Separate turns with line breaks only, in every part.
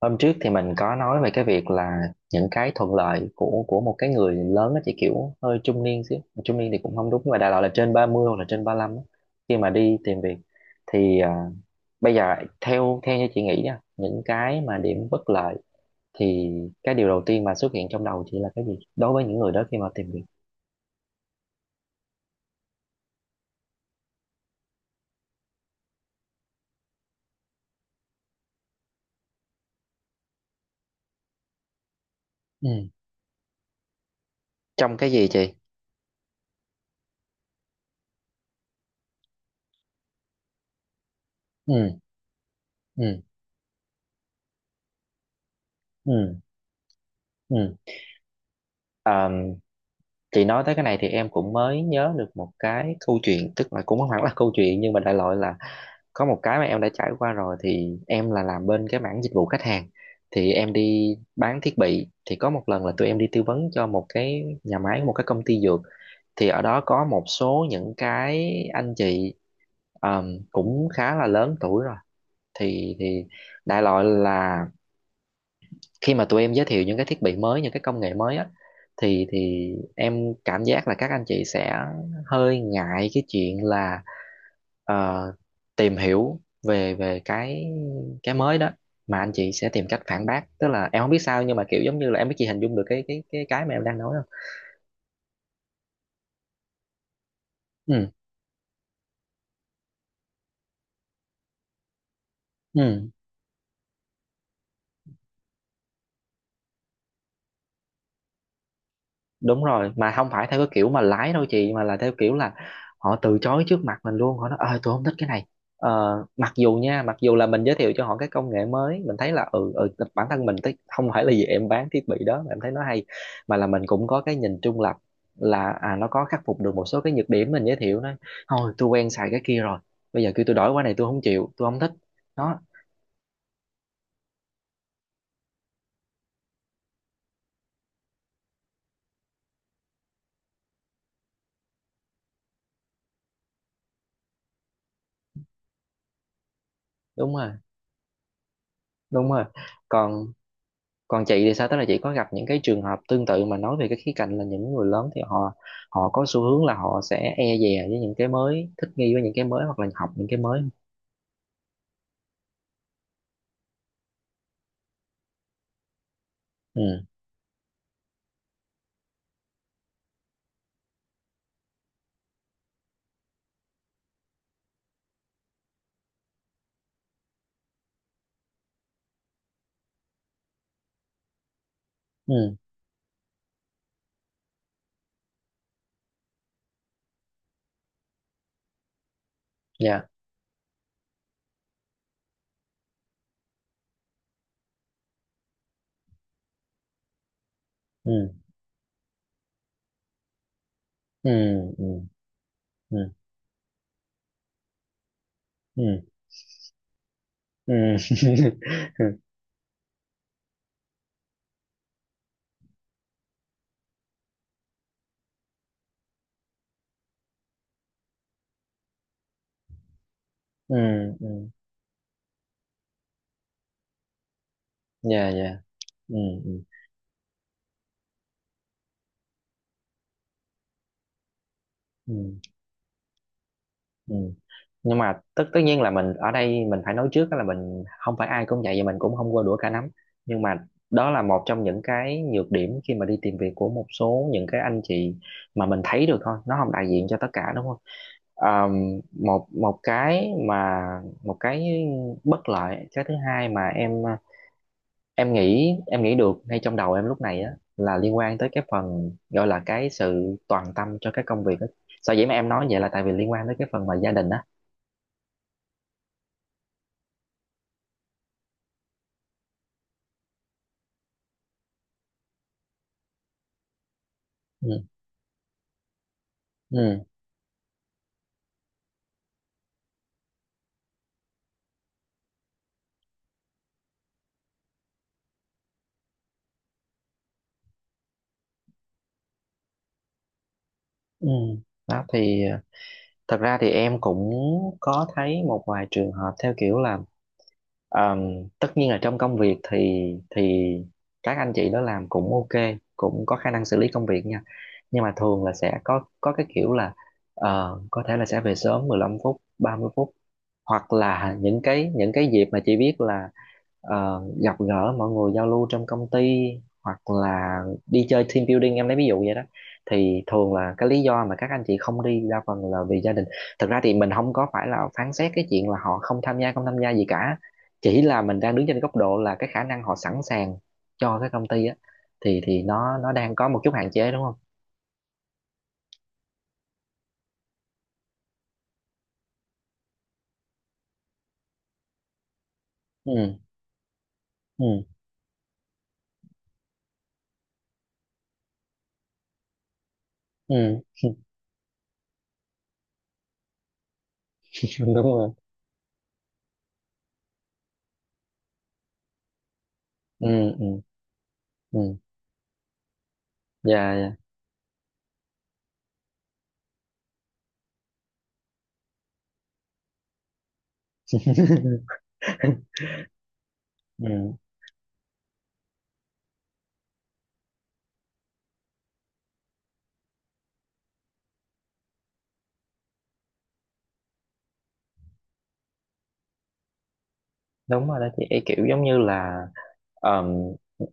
Hôm trước thì mình có nói về cái việc là những cái thuận lợi của một cái người lớn, nó chỉ kiểu hơi trung niên xíu. Trung niên thì cũng không đúng, nhưng mà đại loại là trên 30 hoặc là trên 35 á, khi mà đi tìm việc thì bây giờ theo theo như chị nghĩ nha, những cái mà điểm bất lợi thì cái điều đầu tiên mà xuất hiện trong đầu chị là cái gì đối với những người đó khi mà tìm việc? Ừ. Trong cái gì chị? Ừ, ừ, ừ, ừ. Chị nói tới cái này thì em cũng mới nhớ được một cái câu chuyện, tức là cũng không hẳn là câu chuyện nhưng mà đại loại là có một cái mà em đã trải qua rồi. Thì em là làm bên cái mảng dịch vụ khách hàng, thì em đi bán thiết bị, thì có một lần là tụi em đi tư vấn cho một cái nhà máy, một cái công ty dược. Thì ở đó có một số những cái anh chị cũng khá là lớn tuổi rồi. Thì đại loại là khi mà tụi em giới thiệu những cái thiết bị mới, những cái công nghệ mới á, thì em cảm giác là các anh chị sẽ hơi ngại cái chuyện là ờ, tìm hiểu về về cái mới đó. Mà anh chị sẽ tìm cách phản bác, tức là em không biết sao nhưng mà kiểu giống như là, em biết, chị hình dung được cái mà em đang nói không? Ừ, ừ. Đúng rồi, mà không phải theo cái kiểu mà lái đâu chị, mà là theo kiểu là họ từ chối trước mặt mình luôn. Họ nói ơi tôi không thích cái này, mặc dù nha, mặc dù là mình giới thiệu cho họ cái công nghệ mới mình thấy là ừ, ừ, bản thân mình thấy, không phải là vì em bán thiết bị đó mà em thấy nó hay, mà là mình cũng có cái nhìn trung lập là à, nó có khắc phục được một số cái nhược điểm. Mình giới thiệu nó, thôi tôi quen xài cái kia rồi, bây giờ kêu tôi đổi qua này tôi không chịu, tôi không thích. Đó, đúng rồi, đúng rồi. Còn còn chị thì sao, tức là chị có gặp những cái trường hợp tương tự mà nói về cái khía cạnh là những người lớn thì họ, họ có xu hướng là họ sẽ e dè với những cái mới, thích nghi với những cái mới hoặc là học những cái mới không? Ừ, ừ, dạ, ừ, ừ, ừ, ừ, ừ, ừ, ừ, ừ, dạ, dạ, ừ, ừ, ừ, ừ. Nhưng mà tất tất nhiên là mình ở đây mình phải nói trước đó là mình không phải ai cũng vậy, và mình cũng không qua đũa cả nắm, nhưng mà đó là một trong những cái nhược điểm khi mà đi tìm việc của một số những cái anh chị mà mình thấy được thôi, nó không đại diện cho tất cả, đúng không? Một một cái mà một cái bất lợi cái thứ hai mà em nghĩ được ngay trong đầu em lúc này á, là liên quan tới cái phần gọi là cái sự toàn tâm cho cái công việc á. Sở dĩ mà em nói vậy là tại vì liên quan tới cái phần mà gia đình á. Ừ. Ừ. Ừ. Đó thì thật ra thì em cũng có thấy một vài trường hợp theo kiểu là Ờm, tất nhiên là trong công việc thì các anh chị đó làm cũng ok, cũng có khả năng xử lý công việc nha, nhưng mà thường là sẽ có cái kiểu là có thể là sẽ về sớm 15 phút, 30 phút, hoặc là những cái dịp mà chị biết là gặp gỡ mọi người, giao lưu trong công ty, hoặc là đi chơi team building, em lấy ví dụ vậy đó, thì thường là cái lý do mà các anh chị không đi đa phần là vì gia đình. Thực ra thì mình không có phải là phán xét cái chuyện là họ không tham gia, không tham gia gì cả, chỉ là mình đang đứng trên góc độ là cái khả năng họ sẵn sàng cho cái công ty á, thì nó đang có một chút hạn chế, đúng không? Ừ, ừ, ừ, đúng rồi, ừ, ừ, ừ, dạ, dạ, ừ, đúng rồi đó chị. Ý kiểu giống như là ờm,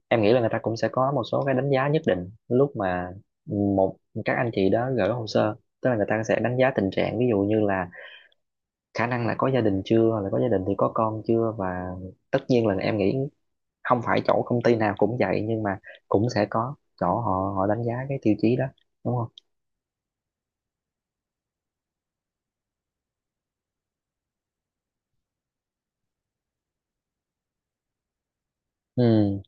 em nghĩ là người ta cũng sẽ có một số cái đánh giá nhất định lúc mà một các anh chị đó gửi hồ sơ, tức là người ta sẽ đánh giá tình trạng, ví dụ như là khả năng là có gia đình chưa, là có gia đình thì có con chưa. Và tất nhiên là em nghĩ không phải chỗ công ty nào cũng vậy, nhưng mà cũng sẽ có chỗ họ họ đánh giá cái tiêu chí đó, đúng không? Ừ,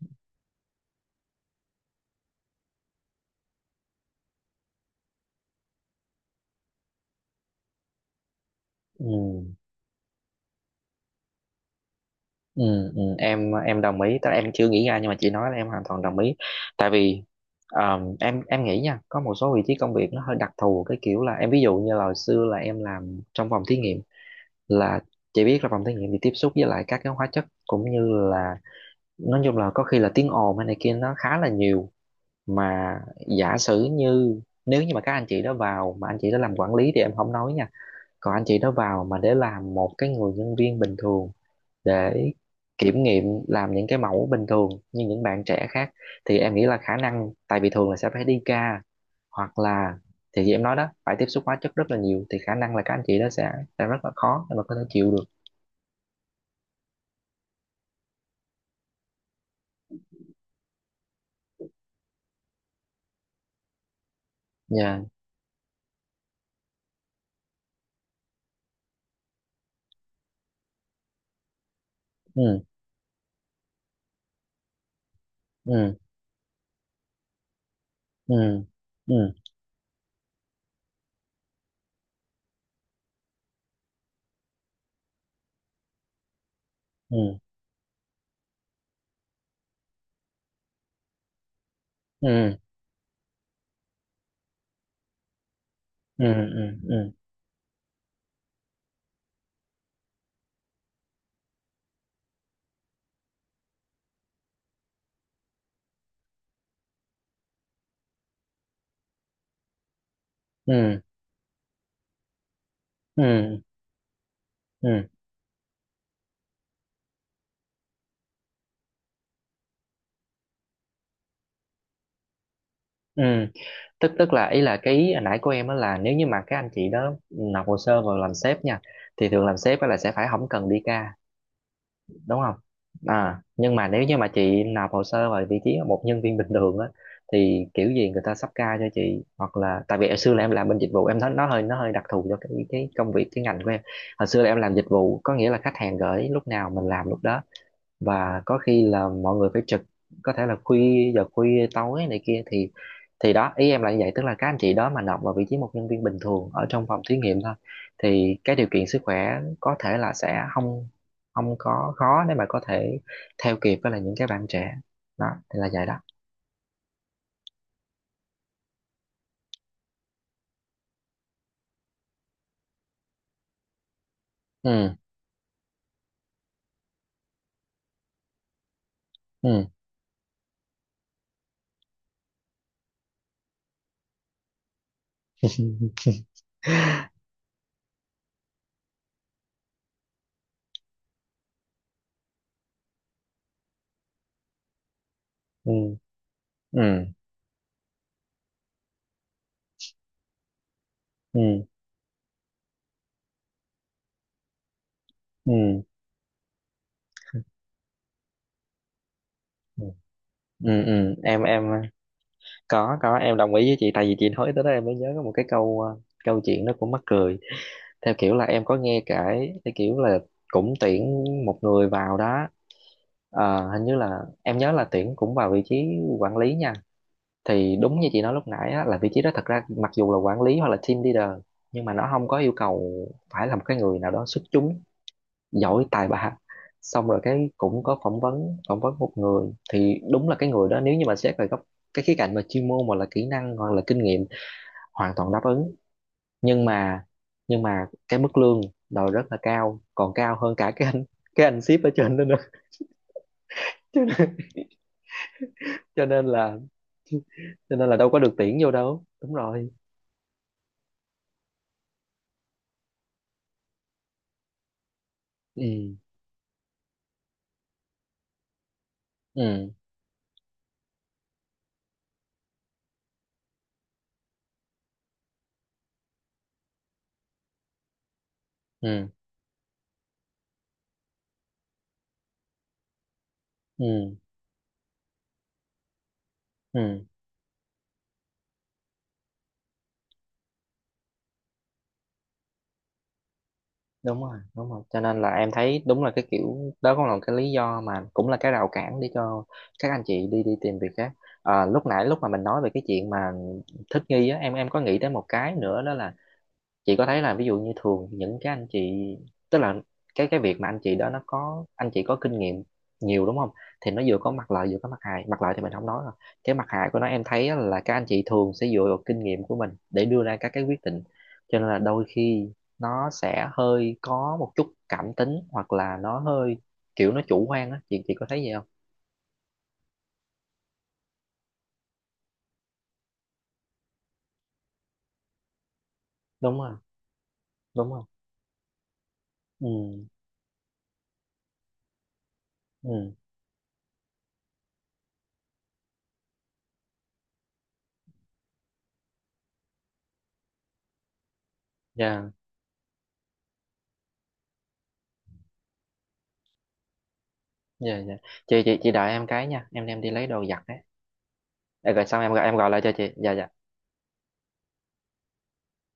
ừ, ừ, ừ. Em đồng ý, tức là em chưa nghĩ ra nhưng mà chị nói là em hoàn toàn đồng ý. Tại vì em nghĩ nha, có một số vị trí công việc nó hơi đặc thù, cái kiểu là em ví dụ như là hồi xưa là em làm trong phòng thí nghiệm, là chị biết là phòng thí nghiệm thì tiếp xúc với lại các cái hóa chất cũng như là, nói chung là có khi là tiếng ồn hay này kia nó khá là nhiều. Mà giả sử như nếu như mà các anh chị đó vào mà anh chị đó làm quản lý thì em không nói nha, còn anh chị đó vào mà để làm một cái người nhân viên bình thường, để kiểm nghiệm làm những cái mẫu bình thường như những bạn trẻ khác, thì em nghĩ là khả năng, tại vì thường là sẽ phải đi ca hoặc là, thì như em nói đó, phải tiếp xúc hóa chất rất là nhiều, thì khả năng là các anh chị đó sẽ rất là khó để mà có thể chịu được. Dạ, ừ ừ, ừ, ừ, ừ, ừ, ừ, ừ, ừ, ừ, ừ, ừ, ừ, ừ, ừ, ừ. tức tức là ý là cái ý nãy của em á, là nếu như mà các anh chị đó nộp hồ sơ vào làm sếp nha, thì thường làm sếp á là sẽ phải không cần đi ca, đúng không? À nhưng mà nếu như mà chị nộp hồ sơ vào vị trí một nhân viên bình thường á, thì kiểu gì người ta sắp ca cho chị. Hoặc là tại vì hồi xưa là em làm bên dịch vụ em thấy nó hơi, nó hơi đặc thù cho cái công việc, cái ngành của em. Hồi xưa là em làm dịch vụ, có nghĩa là khách hàng gửi lúc nào mình làm lúc đó, và có khi là mọi người phải trực, có thể là khuya, giờ khuya tối này kia, thì đó ý em là như vậy, tức là các anh chị đó mà nộp vào vị trí một nhân viên bình thường ở trong phòng thí nghiệm thôi, thì cái điều kiện sức khỏe có thể là sẽ không không có khó để mà có thể theo kịp với là những cái bạn trẻ. Đó thì là vậy đó. Ừ, ừ, ừ, ừ, ừ, ừ, ừ, ừ, ừ. Em có, em đồng ý với chị. Tại vì chị nói tới đó em mới nhớ có một cái câu câu chuyện nó cũng mắc cười, theo kiểu là em có nghe kể, theo kiểu là cũng tuyển một người vào đó, hình như là em nhớ là tuyển cũng vào vị trí quản lý nha. Thì đúng như chị nói lúc nãy á, là vị trí đó thật ra mặc dù là quản lý hoặc là team leader, nhưng mà nó không có yêu cầu phải là một cái người nào đó xuất chúng, giỏi tài ba. Xong rồi cái cũng có phỏng vấn, phỏng vấn một người, thì đúng là cái người đó nếu như mà xét về góc, cái khía cạnh mà chuyên môn hoặc là kỹ năng hoặc là kinh nghiệm, hoàn toàn đáp ứng, nhưng mà nhưng mà cái mức lương đòi rất là cao, còn cao hơn cả cái anh, cái anh ship ở trên đó nữa. cho nên, cho nên là cho nên là đâu có được tuyển vô đâu. Đúng rồi, ừ, ừ, ừ, ừ, ừ, đúng rồi, đúng rồi. Cho nên là em thấy đúng là cái kiểu đó cũng là một cái lý do, mà cũng là cái rào cản để cho các anh chị đi đi tìm việc khác. À, lúc nãy lúc mà mình nói về cái chuyện mà thích nghi á, em có nghĩ tới một cái nữa, đó là chị có thấy là ví dụ như thường những cái anh chị, tức là cái việc mà anh chị đó nó có, anh chị có kinh nghiệm nhiều, đúng không? Thì nó vừa có mặt lợi vừa có mặt hại, mặt lợi thì mình không nói rồi, cái mặt hại của nó em thấy á, là các anh chị thường sẽ dựa vào kinh nghiệm của mình để đưa ra các cái quyết định. Cho nên là đôi khi nó sẽ hơi có một chút cảm tính hoặc là nó hơi kiểu nó chủ quan á, chị có thấy vậy không? Đúng rồi, đúng rồi, ừ, ừ, dạ, dạ, dạ. Chị đợi em cái nha, em đi lấy đồ giặt đấy. Để rồi xong em gọi lại cho chị. Dạ, dạ.